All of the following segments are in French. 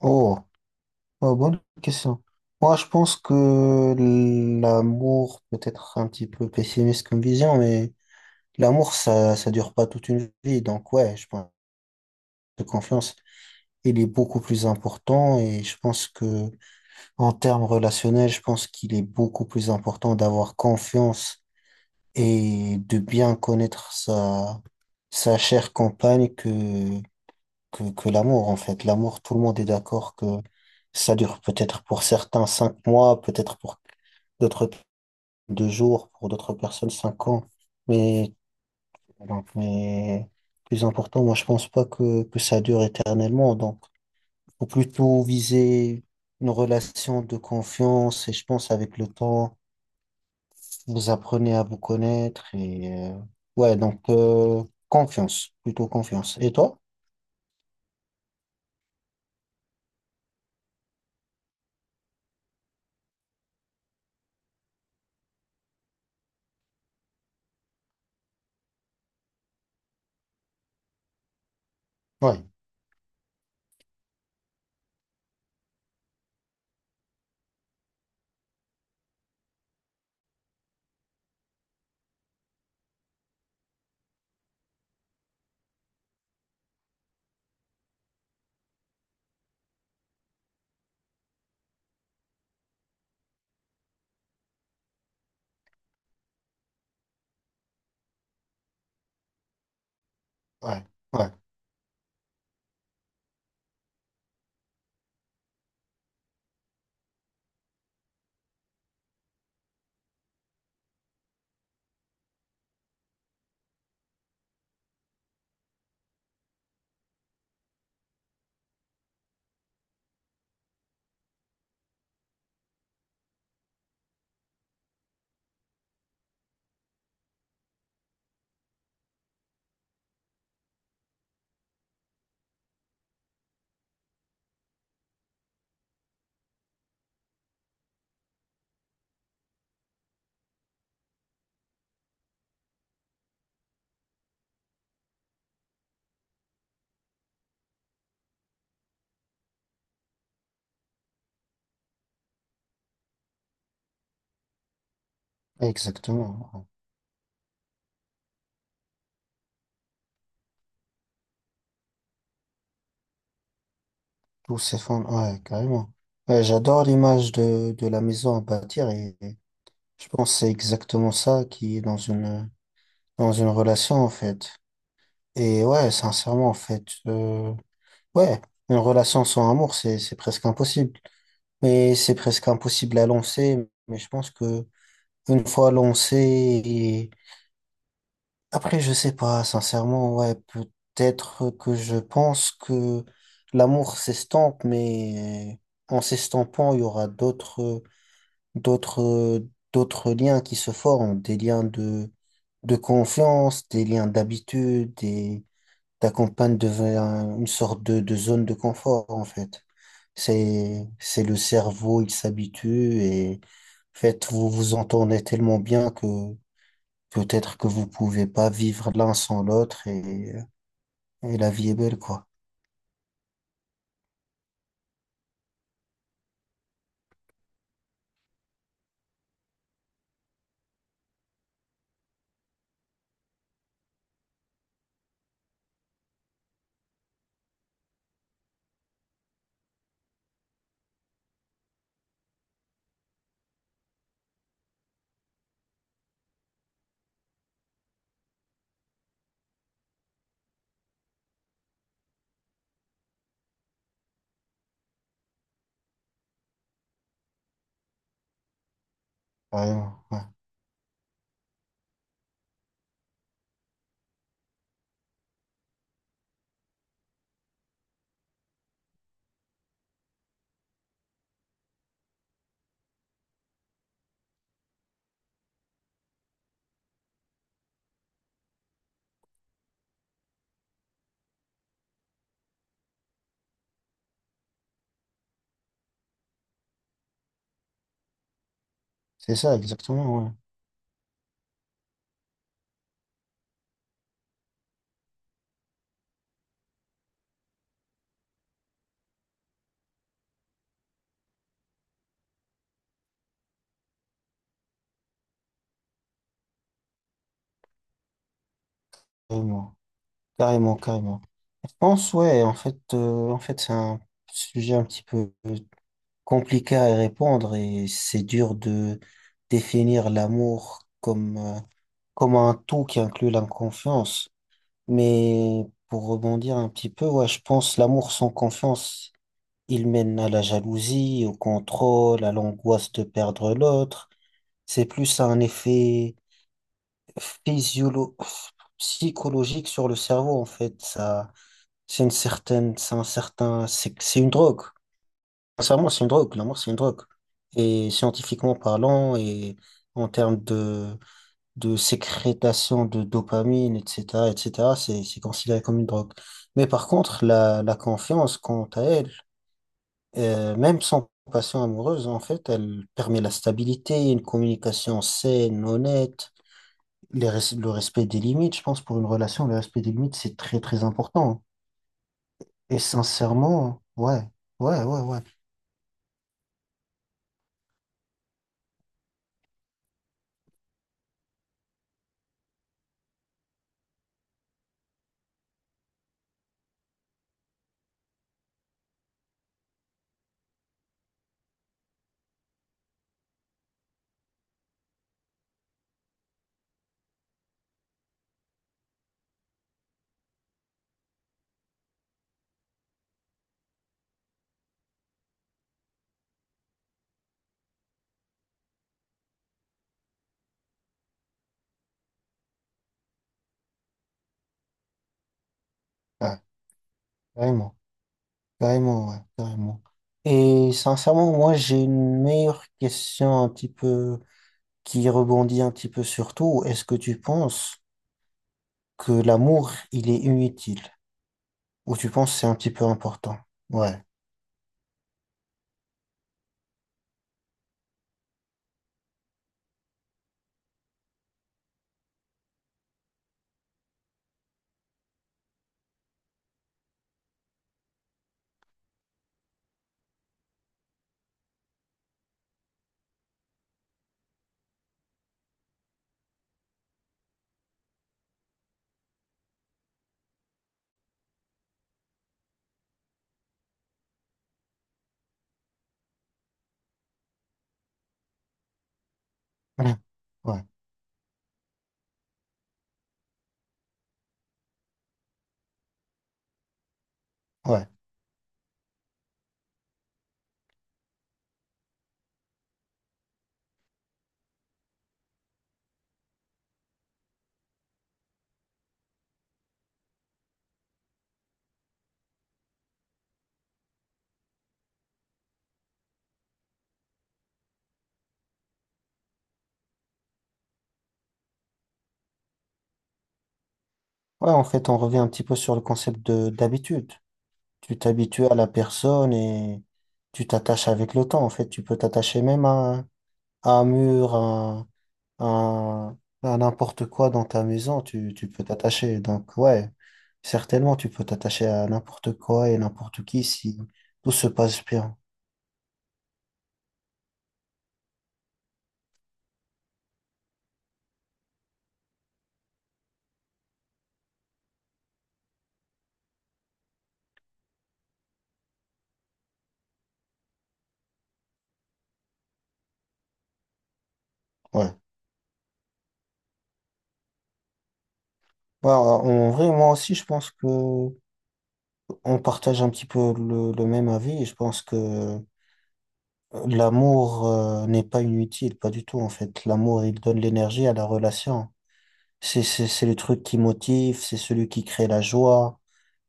Oh, bonne question. Moi, je pense que l'amour, peut-être un petit peu pessimiste comme vision, mais l'amour, ça dure pas toute une vie. Donc, ouais, je pense que confiance, il est beaucoup plus important. Et je pense que, en termes relationnels, je pense qu'il est beaucoup plus important d'avoir confiance et de bien connaître sa chère compagne que l'amour, en fait. L'amour, tout le monde est d'accord que ça dure peut-être pour certains 5 mois, peut-être pour d'autres 2 jours, pour d'autres personnes 5 ans. Mais, donc, mais plus important, moi, je pense pas que ça dure éternellement. Donc, faut plutôt viser une relation de confiance et je pense avec le temps. Vous apprenez à vous connaître et ouais, donc confiance, plutôt confiance. Et toi? Ouais, ouais, ouais, exactement. Ouais. Tous ces fonds, ouais, carrément. Ouais, j'adore l'image de la maison à bâtir et je pense que c'est exactement ça qui est dans une relation en fait. Et ouais, sincèrement, en fait, ouais, une relation sans amour, c'est presque impossible. Mais c'est presque impossible à lancer. Mais je pense que une fois lancé, et- après, je sais pas, sincèrement, ouais, peut-être que je pense que l'amour s'estompe, mais en s'estampant, il y aura d'autres, d'autres liens qui se forment, des liens de confiance, des liens d'habitude, des t'accompagne devant une sorte de zone de confort, en fait. C'est le cerveau, il s'habitue et en fait, vous vous entendez tellement bien que peut-être que vous pouvez pas vivre l'un sans l'autre et la vie est belle, quoi. Carrément, ouais. C'est ça, exactement, ouais. Carrément, carrément, carrément. Je pense, ouais, en fait, c'est un sujet un petit peu compliqué à répondre et c'est dur de définir l'amour comme, comme un tout qui inclut la confiance. Mais pour rebondir un petit peu, ouais, je pense l'amour sans confiance, il mène à la jalousie, au contrôle, à l'angoisse de perdre l'autre. C'est plus un effet physiolo psychologique sur le cerveau, en fait. Ça, c'est une drogue. Sincèrement, c'est une drogue. L'amour, c'est une drogue. Et scientifiquement parlant, et en termes de sécrétation de dopamine, etc., etc., c'est considéré comme une drogue. Mais par contre, la confiance, quant à elle, même sans passion amoureuse, en fait, elle permet la stabilité, une communication saine, honnête, le respect des limites. Je pense pour une relation, le respect des limites, c'est très, très important. Et sincèrement, ouais, ouais, ouais, ouais, ouais, carrément, carrément, ouais, carrément. Et sincèrement, moi, j'ai une meilleure question un petit peu qui rebondit un petit peu sur tout, est-ce que tu penses que l'amour, il est inutile? Ou tu penses que c'est un petit peu important? Ouais. Ouais. Ouais. Ouais, ouais, en fait, on revient un petit peu sur le concept de d'habitude. Tu t'habitues à la personne et tu t'attaches avec le temps. En fait, tu peux t'attacher même à un mur, à- à n'importe quoi dans ta maison. Tu peux t'attacher. Donc, ouais, certainement, tu peux t'attacher à n'importe quoi et n'importe qui si tout se passe bien. Ouais. Bah, en vrai, moi aussi, je pense que on partage un petit peu le même avis. Et je pense que l'amour, n'est pas inutile, pas du tout, en fait. L'amour, il donne l'énergie à la relation. C'est le truc qui motive, c'est celui qui crée la joie,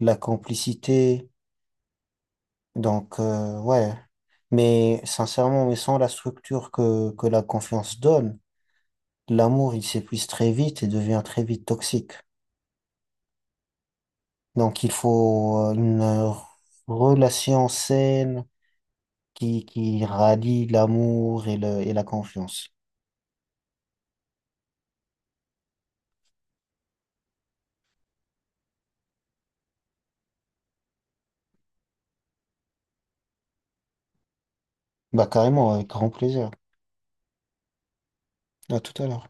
la complicité. Donc, ouais. Mais sincèrement, mais sans la structure que la confiance donne, l'amour, il s'épuise très vite et devient très vite toxique. Donc, il faut une relation saine qui rallie l'amour et, et la confiance. Bah, carrément, avec grand plaisir. À tout à l'heure.